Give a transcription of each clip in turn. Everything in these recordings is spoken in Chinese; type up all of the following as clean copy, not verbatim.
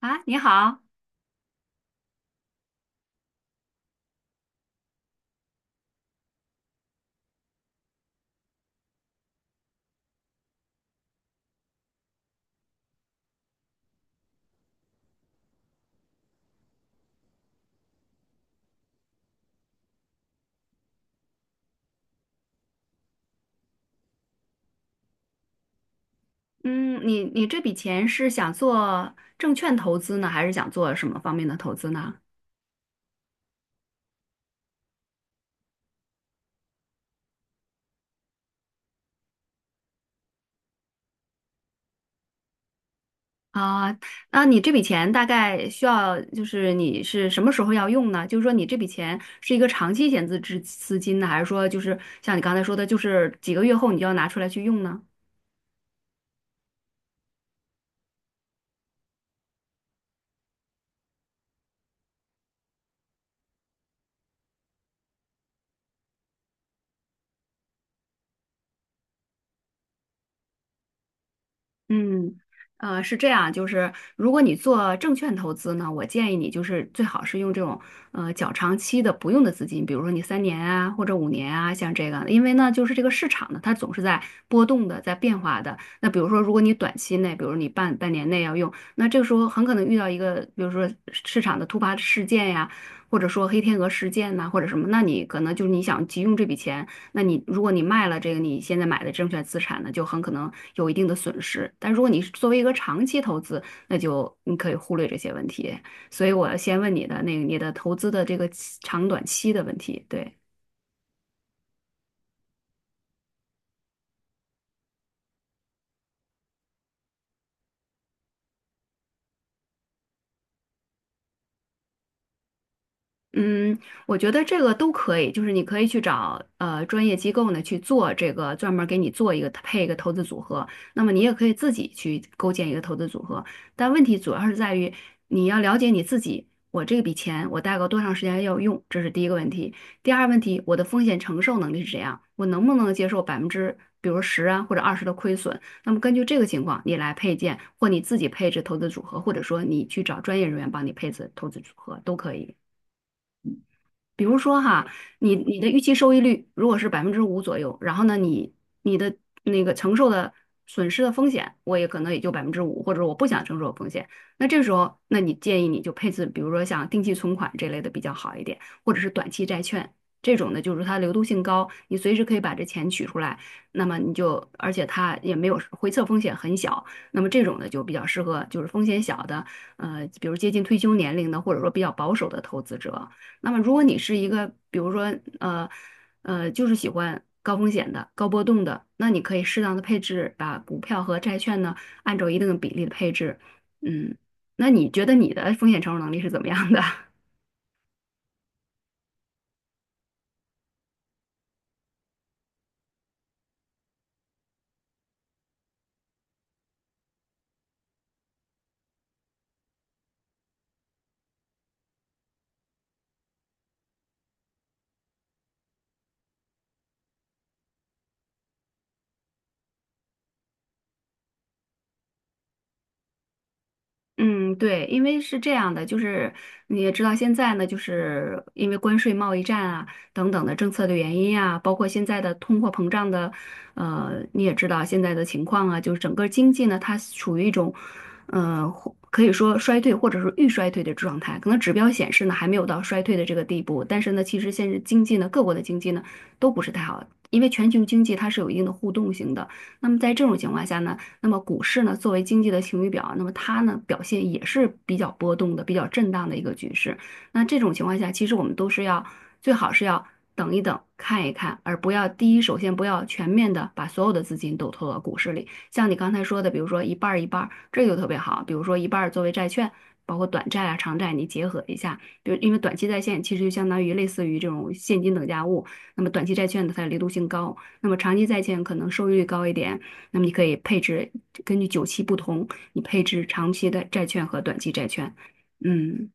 啊，你好，嗯，你这笔钱是想做证券投资呢，还是想做什么方面的投资呢？啊，那你这笔钱大概需要，就是你是什么时候要用呢？就是说你这笔钱是一个长期闲置资金呢，还是说就是像你刚才说的，就是几个月后你就要拿出来去用呢？嗯，是这样，就是如果你做证券投资呢，我建议你就是最好是用这种较长期的不用的资金，比如说你3年啊或者5年啊，像这个，因为呢就是这个市场呢它总是在波动的，在变化的。那比如说如果你短期内，比如你半年内要用，那这个时候很可能遇到一个，比如说市场的突发事件呀，或者说黑天鹅事件呐、或者什么，那你可能就是你想急用这笔钱。那你如果你卖了这个你现在买的证券资产呢，就很可能有一定的损失。但如果你是作为一个长期投资，那就你可以忽略这些问题。所以我要先问你的那个你的投资的这个期长短期的问题，对。嗯，我觉得这个都可以，就是你可以去找专业机构呢去做这个，专门儿给你做一个配一个投资组合。那么你也可以自己去构建一个投资组合，但问题主要是在于你要了解你自己，我这笔钱我大概多长时间要用，这是第一个问题。第二问题，我的风险承受能力是怎样？我能不能接受百分之比如十啊或者二十的亏损？那么根据这个情况，你来配件或你自己配置投资组合，或者说你去找专业人员帮你配置投资组合都可以。比如说哈，你的预期收益率如果是百分之五左右，然后呢，你的那个承受的损失的风险，我也可能也就百分之五，或者我不想承受的风险。那这时候，那你建议你就配置，比如说像定期存款这类的比较好一点，或者是短期债券这种呢，就是它流动性高，你随时可以把这钱取出来，那么你就而且它也没有回撤风险很小，那么这种呢就比较适合就是风险小的，比如接近退休年龄的，或者说比较保守的投资者。那么如果你是一个，比如说呃就是喜欢高风险的、高波动的，那你可以适当的配置，把股票和债券呢按照一定的比例的配置。嗯，那你觉得你的风险承受能力是怎么样的？嗯，对，因为是这样的，就是你也知道，现在呢，就是因为关税、贸易战啊等等的政策的原因啊，包括现在的通货膨胀的，你也知道现在的情况啊，就是整个经济呢，它处于一种，或可以说衰退或者是预衰退的状态。可能指标显示呢，还没有到衰退的这个地步，但是呢，其实现在经济呢，各国的经济呢都不是太好，因为全球经济它是有一定的互动性的。那么在这种情况下呢？那么股市呢，作为经济的晴雨表，那么它呢表现也是比较波动的、比较震荡的一个局势。那这种情况下，其实我们都是要最好是要等一等、看一看，而不要第一首先不要全面的把所有的资金都投到股市里。像你刚才说的，比如说一半儿一半儿，这个就特别好。比如说一半儿作为债券，包括短债啊、长债，你结合一下。比如因为短期在线其实就相当于类似于这种现金等价物，那么短期债券呢它的流动性高，那么长期债券可能收益率高一点。那么你可以配置，根据久期不同，你配置长期的债券和短期债券。嗯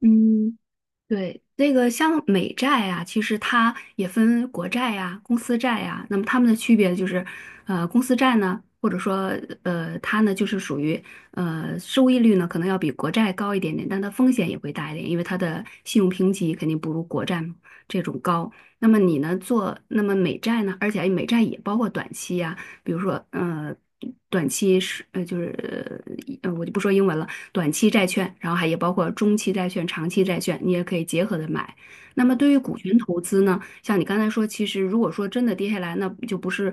嗯，对，那个像美债啊，其实它也分国债呀、公司债呀。那么它们的区别就是，公司债呢，或者说它呢就是属于收益率呢可能要比国债高一点点，但它风险也会大一点，因为它的信用评级肯定不如国债嘛这种高。那么你呢做那么美债呢，而且哎美债也包括短期呀、比如说短期是就是我就不说英文了。短期债券，然后还也包括中期债券、长期债券，你也可以结合着买。那么对于股权投资呢，像你刚才说，其实如果说真的跌下来，那就不是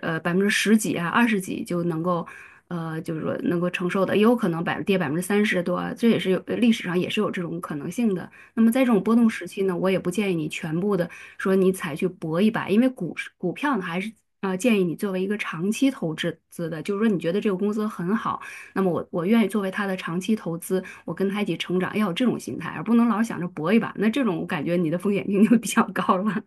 百分之十几啊、二十几就能够。就是说能够承受的，也有可能跌百分之三十多啊，这也是有历史上也是有这种可能性的。那么在这种波动时期呢，我也不建议你全部的说你采去搏一把，因为股市股票呢还是建议你作为一个长期投资的，就是说你觉得这个公司很好。那么我愿意作为他的长期投资，我跟他一起成长，要有这种心态，而不能老想着搏一把。那这种我感觉你的风险性就比较高了。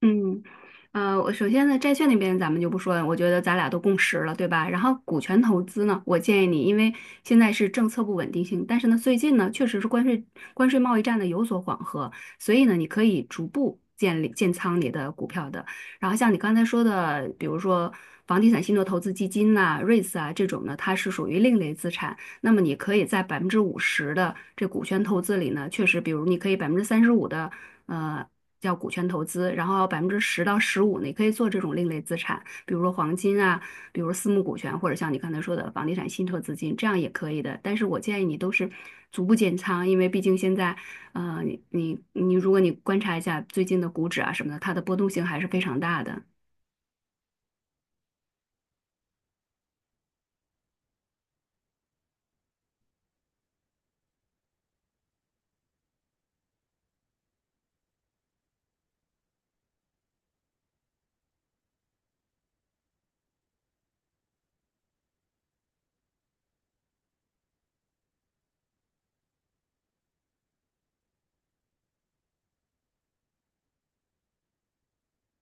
嗯，我首先呢，债券那边咱们就不说了，我觉得咱俩都共识了，对吧？然后股权投资呢，我建议你，因为现在是政策不稳定性，但是呢，最近呢，确实是关税贸易战呢有所缓和，所以呢，你可以逐步建立建仓你的股票的。然后像你刚才说的，比如说房地产信托投资基金呐、REITs 啊这种呢，它是属于另类资产。那么你可以在50%的这股权投资里呢，确实，比如你可以35%的呃叫股权投资，然后10%到15%呢你可以做这种另类资产，比如说黄金啊，比如私募股权，或者像你刚才说的房地产信托资金，这样也可以的。但是我建议你都是逐步减仓，因为毕竟现在你，如果你观察一下最近的股指啊什么的，它的波动性还是非常大的。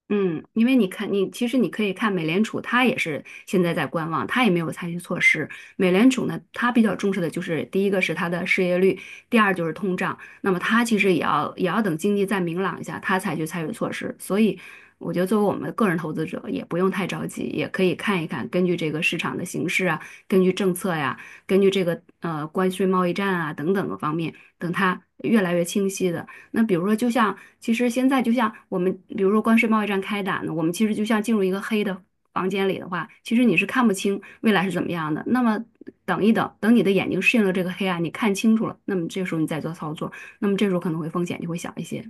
嗯，因为你看，你其实你可以看美联储，它也是现在在观望，它也没有采取措施。美联储呢，它比较重视的就是第一个是它的失业率，第二就是通胀。那么它其实也要等经济再明朗一下，它才去采取措施。所以，我觉得作为我们个人投资者，也不用太着急，也可以看一看，根据这个市场的形势啊，根据政策呀，根据这个关税贸易战啊等等个方面，等它越来越清晰的。那比如说，就像其实现在就像我们，比如说关税贸易战开打呢，我们其实就像进入一个黑的房间里的话，其实你是看不清未来是怎么样的。那么等一等，等你的眼睛适应了这个黑暗，你看清楚了，那么这时候你再做操作，那么这时候可能会风险就会小一些。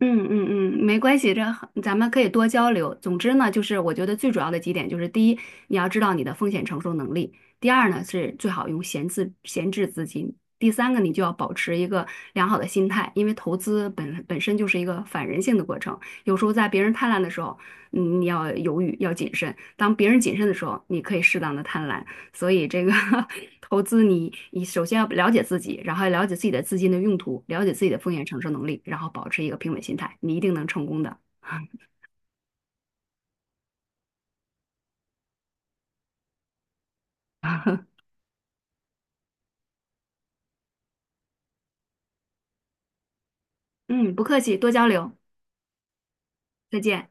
嗯嗯嗯，没关系，这很咱们可以多交流。总之呢，就是我觉得最主要的几点就是：第一，你要知道你的风险承受能力；第二呢，是最好用闲置资金；第三个，你就要保持一个良好的心态，因为投资本身就是一个反人性的过程。有时候在别人贪婪的时候，你要犹豫，要谨慎；当别人谨慎的时候，你可以适当的贪婪。所以这个 投资你，你首先要了解自己，然后要了解自己的资金的用途，了解自己的风险承受能力，然后保持一个平稳心态，你一定能成功的。嗯，不客气，多交流，再见。